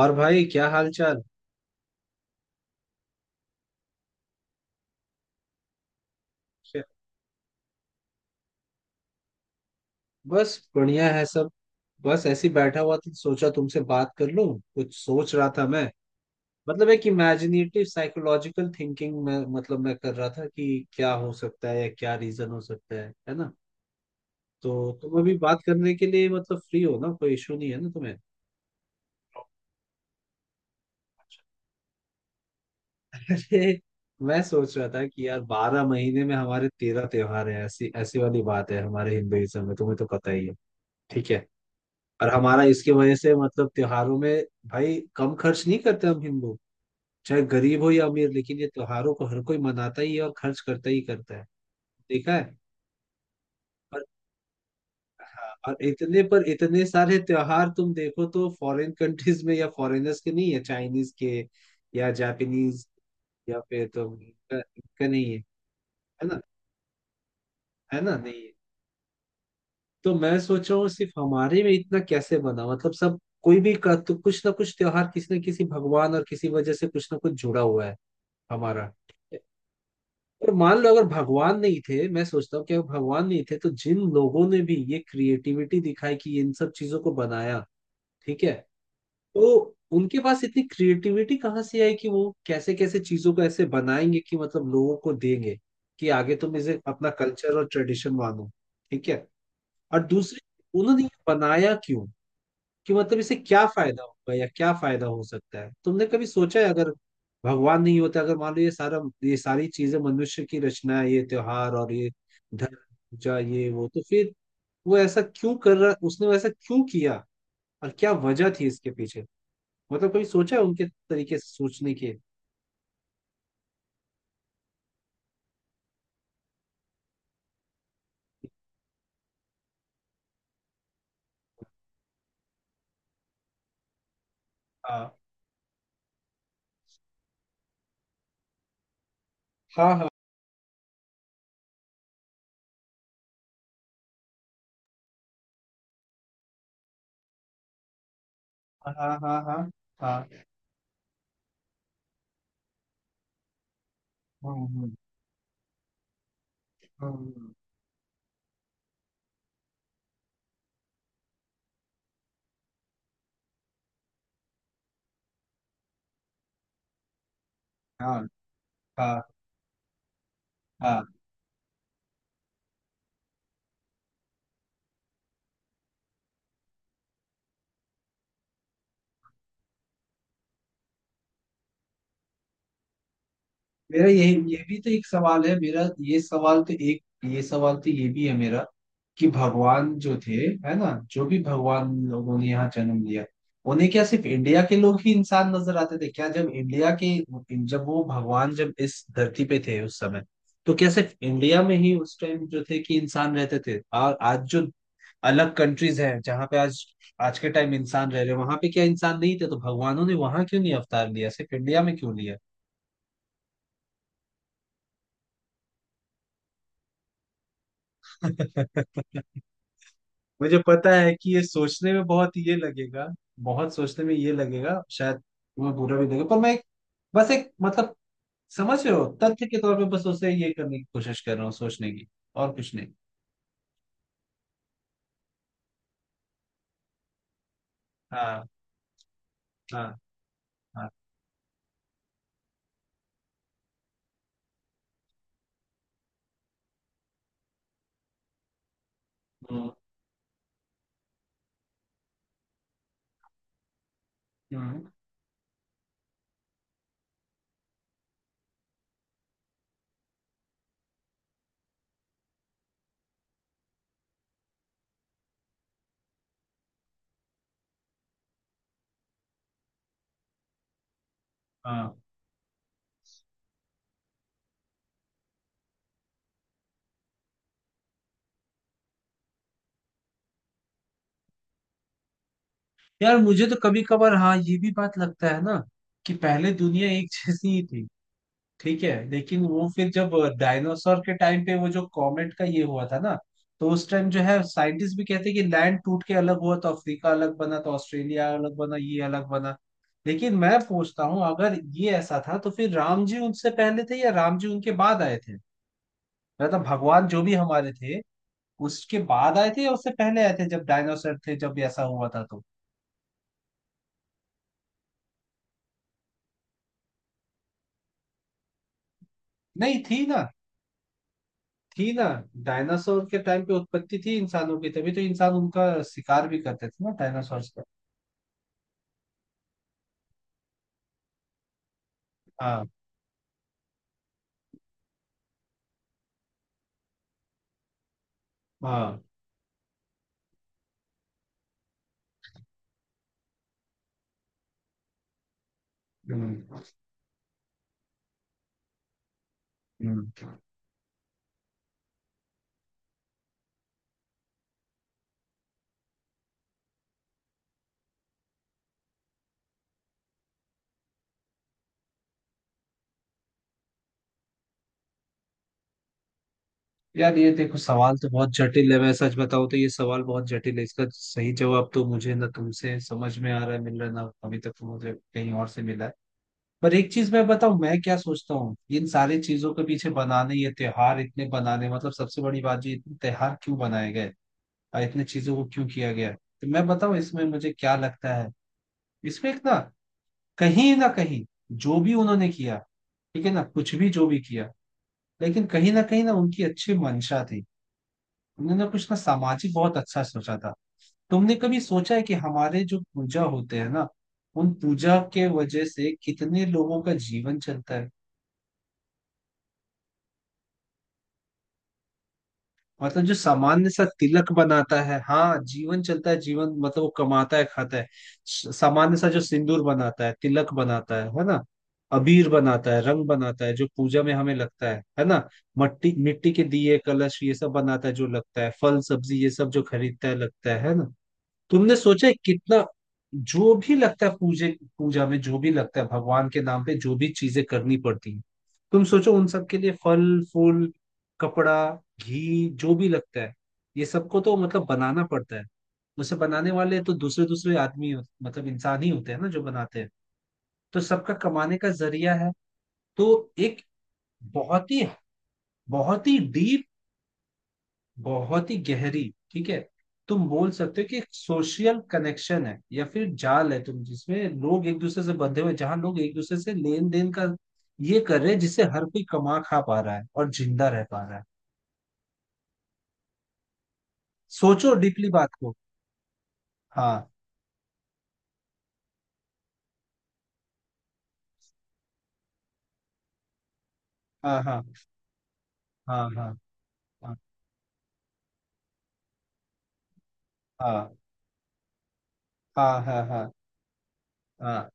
और भाई क्या हाल चाल। बस बढ़िया है सब। बस ऐसे ही बैठा हुआ था, सोचा तुमसे बात कर लूं। कुछ सोच रहा था मैं। मतलब एक इमेजिनेटिव साइकोलॉजिकल थिंकिंग में, मतलब मैं कर रहा था कि क्या हो सकता है या क्या रीजन हो सकता है ना। तो तुम अभी बात करने के लिए मतलब फ्री हो ना, कोई इशू नहीं है ना तुम्हें। अरे, मैं सोच रहा था कि यार बारह महीने में हमारे तेरह त्योहार है, ऐसी ऐसी वाली बात है हमारे हिंदुइज्म में, तुम्हें तो पता ही है। ठीक है। और हमारा इसकी वजह से मतलब त्योहारों में भाई कम खर्च नहीं करते हम हिंदू। चाहे गरीब हो या अमीर, लेकिन ये त्योहारों को हर कोई मनाता ही है और खर्च करता ही करता है। देखा है। पर हाँ, और इतने पर इतने सारे त्योहार तुम देखो तो फॉरेन कंट्रीज में या फॉरेनर्स के नहीं है, चाइनीज के या जापानीज या फिर तुम इनका नहीं है। है ना, है ना, नहीं है। तो मैं सोच रहा हूँ सिर्फ हमारे में इतना कैसे बना। मतलब सब कोई भी का तो कुछ ना कुछ त्योहार किसी न किसी भगवान और किसी वजह से कुछ ना कुछ जुड़ा हुआ है हमारा। और मान लो अगर भगवान नहीं थे, मैं सोचता हूँ कि अगर भगवान नहीं थे तो जिन लोगों ने भी ये क्रिएटिविटी दिखाई कि इन सब चीजों को बनाया, ठीक है, तो उनके पास इतनी क्रिएटिविटी कहाँ से आई कि वो कैसे कैसे चीजों को ऐसे बनाएंगे कि मतलब लोगों को देंगे कि आगे तुम इसे अपना कल्चर और ट्रेडिशन मानो। ठीक है। और दूसरी, उन्होंने ये बनाया क्यों, कि मतलब इसे क्या फायदा होगा या क्या फायदा हो सकता है। तुमने कभी सोचा है अगर भगवान नहीं होता, अगर मान लो ये सारा, ये सारी चीजें मनुष्य की रचना है, ये त्योहार और ये धर्म पूजा ये वो, तो फिर वो ऐसा क्यों कर रहा, उसने वो ऐसा क्यों किया और क्या वजह थी इसके पीछे। मतलब कभी सोचा है उनके तरीके से सोचने के। हाँ हाँ हाँ हाँ हाँ हाँ हाँ हाँ हाँ हाँ हाँ हाँ। मेरा यही, ये भी तो एक सवाल है मेरा, ये सवाल तो एक, ये सवाल तो ये भी है मेरा, कि भगवान जो थे, है ना, जो भी भगवान लोगों ने यहाँ जन्म लिया, उन्हें क्या सिर्फ इंडिया के लोग ही इंसान नजर आते थे क्या? जब इंडिया के, जब वो भगवान जब इस धरती पे थे उस समय, तो क्या सिर्फ इंडिया में ही उस टाइम जो थे कि इंसान रहते थे, और आज जो अलग कंट्रीज हैं जहाँ पे आज, आज के टाइम इंसान रह रहे, वहां पे क्या इंसान नहीं थे? तो भगवानों ने वहां क्यों नहीं अवतार लिया, सिर्फ इंडिया में क्यों लिया? मुझे पता है कि ये सोचने में बहुत ये लगेगा, बहुत सोचने में ये लगेगा, शायद तुम्हें बुरा भी लगेगा, पर मैं एक, बस एक मतलब, समझ रहे हो, तथ्य के तौर पे बस उसे ये करने की कोशिश कर रहा हूँ सोचने की, और कुछ नहीं। हाँ हाँ हाँ। हम्म हम्म। हाँ। यार मुझे तो कभी कभार हाँ ये भी बात लगता है ना, कि पहले दुनिया एक जैसी ही थी। ठीक है, लेकिन वो फिर जब डायनासोर के टाइम पे वो जो कॉमेट का ये हुआ था ना, तो उस टाइम जो है साइंटिस्ट भी कहते हैं कि लैंड टूट के अलग हुआ, तो अफ्रीका अलग बना, तो ऑस्ट्रेलिया अलग बना, ये अलग बना। लेकिन मैं पूछता हूँ अगर ये ऐसा था तो फिर राम जी उनसे पहले थे या राम जी उनके बाद आए थे? मतलब भगवान जो भी हमारे थे, उसके बाद आए थे या उससे पहले आए थे, जब डायनासोर थे, जब ऐसा हुआ था तो? नहीं थी ना, थी ना। डायनासोर के टाइम पे उत्पत्ति थी इंसानों की, तभी तो इंसान उनका शिकार भी करते थे ना डायनासोर। हाँ हाँ। हम्म हम्म। यार ये देखो सवाल तो बहुत जटिल है, मैं सच बताऊं तो ये सवाल बहुत जटिल है, इसका सही जवाब तो मुझे ना तुमसे समझ में आ रहा है, मिल रहा है ना अभी तक, तो मुझे कहीं और से मिला है। पर एक चीज मैं बताऊं, मैं क्या सोचता हूँ इन सारी चीजों के पीछे बनाने ये त्योहार इतने बनाने, मतलब सबसे बड़ी बात जो इतने त्योहार क्यों बनाए गए और इतने चीजों को क्यों किया गया है? तो मैं बताऊं इसमें मुझे क्या लगता है। इसमें एक ना, कहीं ना कहीं, जो भी उन्होंने किया, ठीक है ना, कुछ भी जो भी किया, लेकिन कहीं ना उनकी अच्छी मंशा थी। उन्होंने कुछ ना सामाजिक बहुत अच्छा सोचा था। तुमने कभी सोचा है कि हमारे जो पूजा होते हैं ना, उन पूजा के वजह से कितने लोगों का जीवन चलता है। मतलब जो सामान्य सा तिलक बनाता है, हाँ, जीवन चलता है, जीवन मतलब वो कमाता है खाता है। सामान्य सा जो सिंदूर बनाता है, तिलक बनाता है ना, अबीर बनाता है, रंग बनाता है, जो पूजा में हमें लगता है ना, मट्टी मिट्टी के दिए कलश ये सब बनाता है जो लगता है, फल सब्जी ये सब जो खरीदता है लगता है ना। तुमने सोचा है कितना जो भी लगता है पूजे पूजा में जो भी लगता है, भगवान के नाम पे जो भी चीजें करनी पड़ती हैं, तुम सोचो उन सब के लिए, फल, फूल, कपड़ा, घी, जो भी लगता है, ये सबको तो मतलब बनाना पड़ता है। उसे बनाने वाले तो दूसरे दूसरे मतलब इंसान ही होते हैं ना जो बनाते हैं। तो सबका कमाने का जरिया है। तो एक बहुत ही, बहुत ही डीप, बहुत ही गहरी, ठीक है। तुम बोल सकते हो कि एक सोशल कनेक्शन है या फिर जाल है तुम, जिसमें लोग एक दूसरे से बंधे हुए हैं, जहां लोग एक दूसरे से लेन देन का ये कर रहे हैं, जिससे हर कोई कमा खा पा रहा है और जिंदा रह पा रहा है। सोचो डीपली बात को। हाँ हाँ हाँ हाँ हाँ हाँ हाँ हाँ हाँ हाँ हाँ।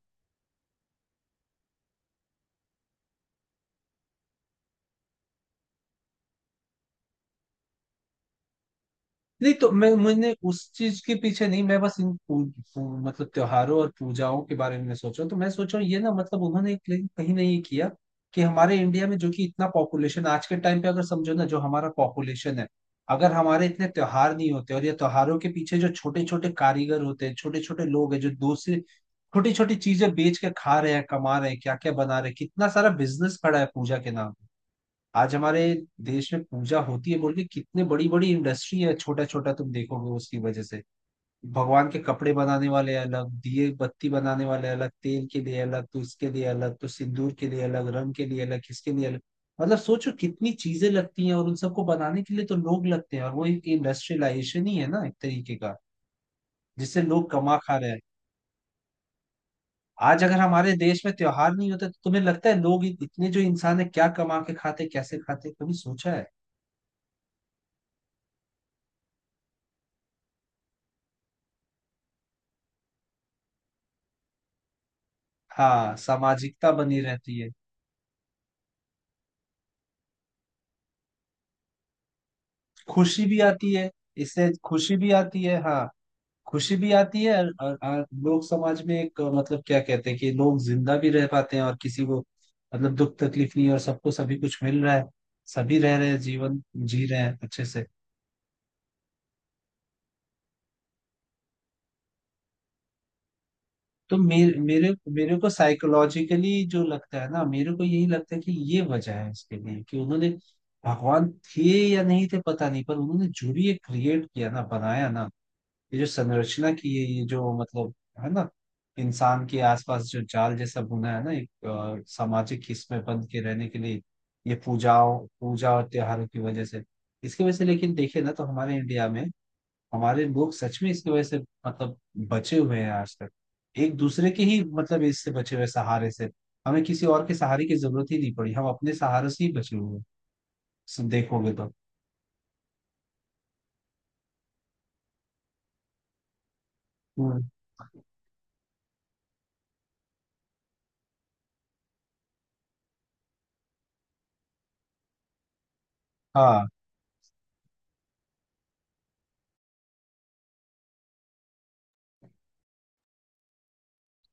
नहीं तो मैं, मैंने उस चीज के पीछे नहीं, मैं बस इन पू, पू, मतलब त्योहारों और पूजाओं के बारे में मैं सोच रहा हूँ। तो मैं सोच रहा हूँ ये ना, मतलब उन्होंने एक, लेकिन कहीं नहीं ये किया, कि हमारे इंडिया में जो कि इतना पॉपुलेशन आज के टाइम पे, अगर समझो ना जो हमारा पॉपुलेशन है, अगर हमारे इतने त्योहार नहीं होते और ये त्योहारों के पीछे जो छोटे छोटे कारीगर होते हैं, छोटे छोटे लोग हैं जो दूसरे छोटी छोटी चीजें बेच के खा रहे हैं, कमा रहे हैं, क्या क्या बना रहे हैं, कितना सारा बिजनेस खड़ा है पूजा के नाम। आज हमारे देश में पूजा होती है बोल के कितने बड़ी बड़ी इंडस्ट्री है, छोटा छोटा तुम देखोगे उसकी वजह से, भगवान के कपड़े बनाने वाले अलग, दिए बत्ती बनाने वाले अलग, तेल के लिए अलग, तो इसके लिए अलग, तो सिंदूर के लिए अलग, रंग के लिए अलग, किसके लिए अलग। मतलब सोचो कितनी चीजें लगती हैं, और उन सबको बनाने के लिए तो लोग लगते हैं, और वो एक इंडस्ट्रियलाइजेशन ही है ना एक तरीके का, जिससे लोग कमा खा रहे हैं। आज अगर हमारे देश में त्योहार नहीं होते तो तुम्हें लगता है लोग इतने जो इंसान है क्या कमा के खाते, कैसे खाते, कभी सोचा है? हाँ, सामाजिकता बनी रहती है, खुशी भी आती है, इससे खुशी भी आती है, हाँ, खुशी भी आती है। और लोग समाज में एक मतलब क्या कहते हैं कि लोग जिंदा भी रह पाते हैं और किसी को मतलब दुख तकलीफ नहीं है और सबको सभी कुछ मिल रहा है, सभी रह रहे हैं, जीवन जी रहे हैं अच्छे से। तो मेरे मेरे मेरे को साइकोलॉजिकली जो लगता है ना, मेरे को यही लगता है कि ये वजह है इसके लिए, कि उन्होंने भगवान थे या नहीं थे पता नहीं, पर उन्होंने जो भी ये क्रिएट किया ना, बनाया ना, ये जो संरचना की है, ये जो मतलब, है ना, इंसान के आसपास जो जाल जैसा बुना है ना, एक सामाजिक इसमें बंध के रहने के लिए, ये पूजा और त्योहारों की वजह से, इसकी वजह से, लेकिन देखे ना तो हमारे इंडिया में हमारे लोग सच में इसकी वजह से, मतलब, बचे हुए हैं आज तक। एक दूसरे के ही मतलब इससे बचे हुए हैं, सहारे से। हमें किसी और के सहारे की जरूरत ही नहीं पड़ी, हम अपने सहारे से ही बचे हुए हैं। सो देखोगे तो। हम्म। हाँ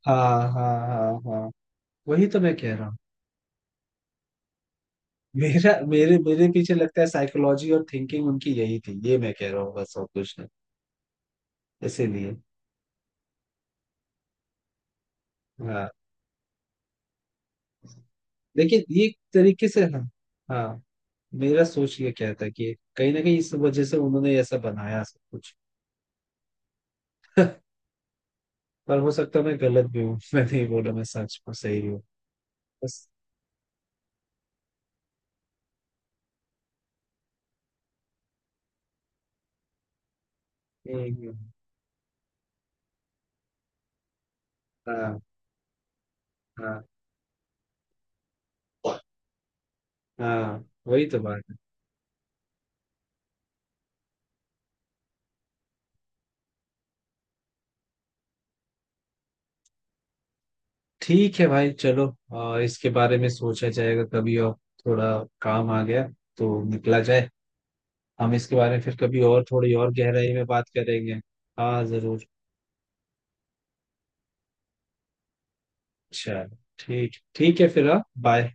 हाँ हाँ हाँ हाँ। वही तो मैं कह रहा हूँ। मेरा मेरे मेरे पीछे लगता है साइकोलॉजी और थिंकिंग उनकी यही थी, ये मैं कह रहा हूँ, बस और कुछ नहीं। इसीलिए। हाँ। लेकिन ये एक तरीके से, हाँ, हाँ। मेरा सोच ये क्या था कि कहीं ना कहीं इस वजह से उन्होंने ऐसा बनाया सब कुछ। पर हो सकता है मैं गलत भी हूँ। मैं नहीं बोला मैं सच में सही हूँ। बस। हम्म, हम्म, हाँ हाँ हाँ। वही तो बात है। ठीक है भाई, चलो। इसके बारे में सोचा जाएगा कभी और। थोड़ा काम आ गया, तो निकला जाए। हम इसके बारे में फिर कभी और थोड़ी और गहराई में बात करेंगे। हाँ जरूर। चलो ठीक, ठीक है फिर, हाँ। बाय।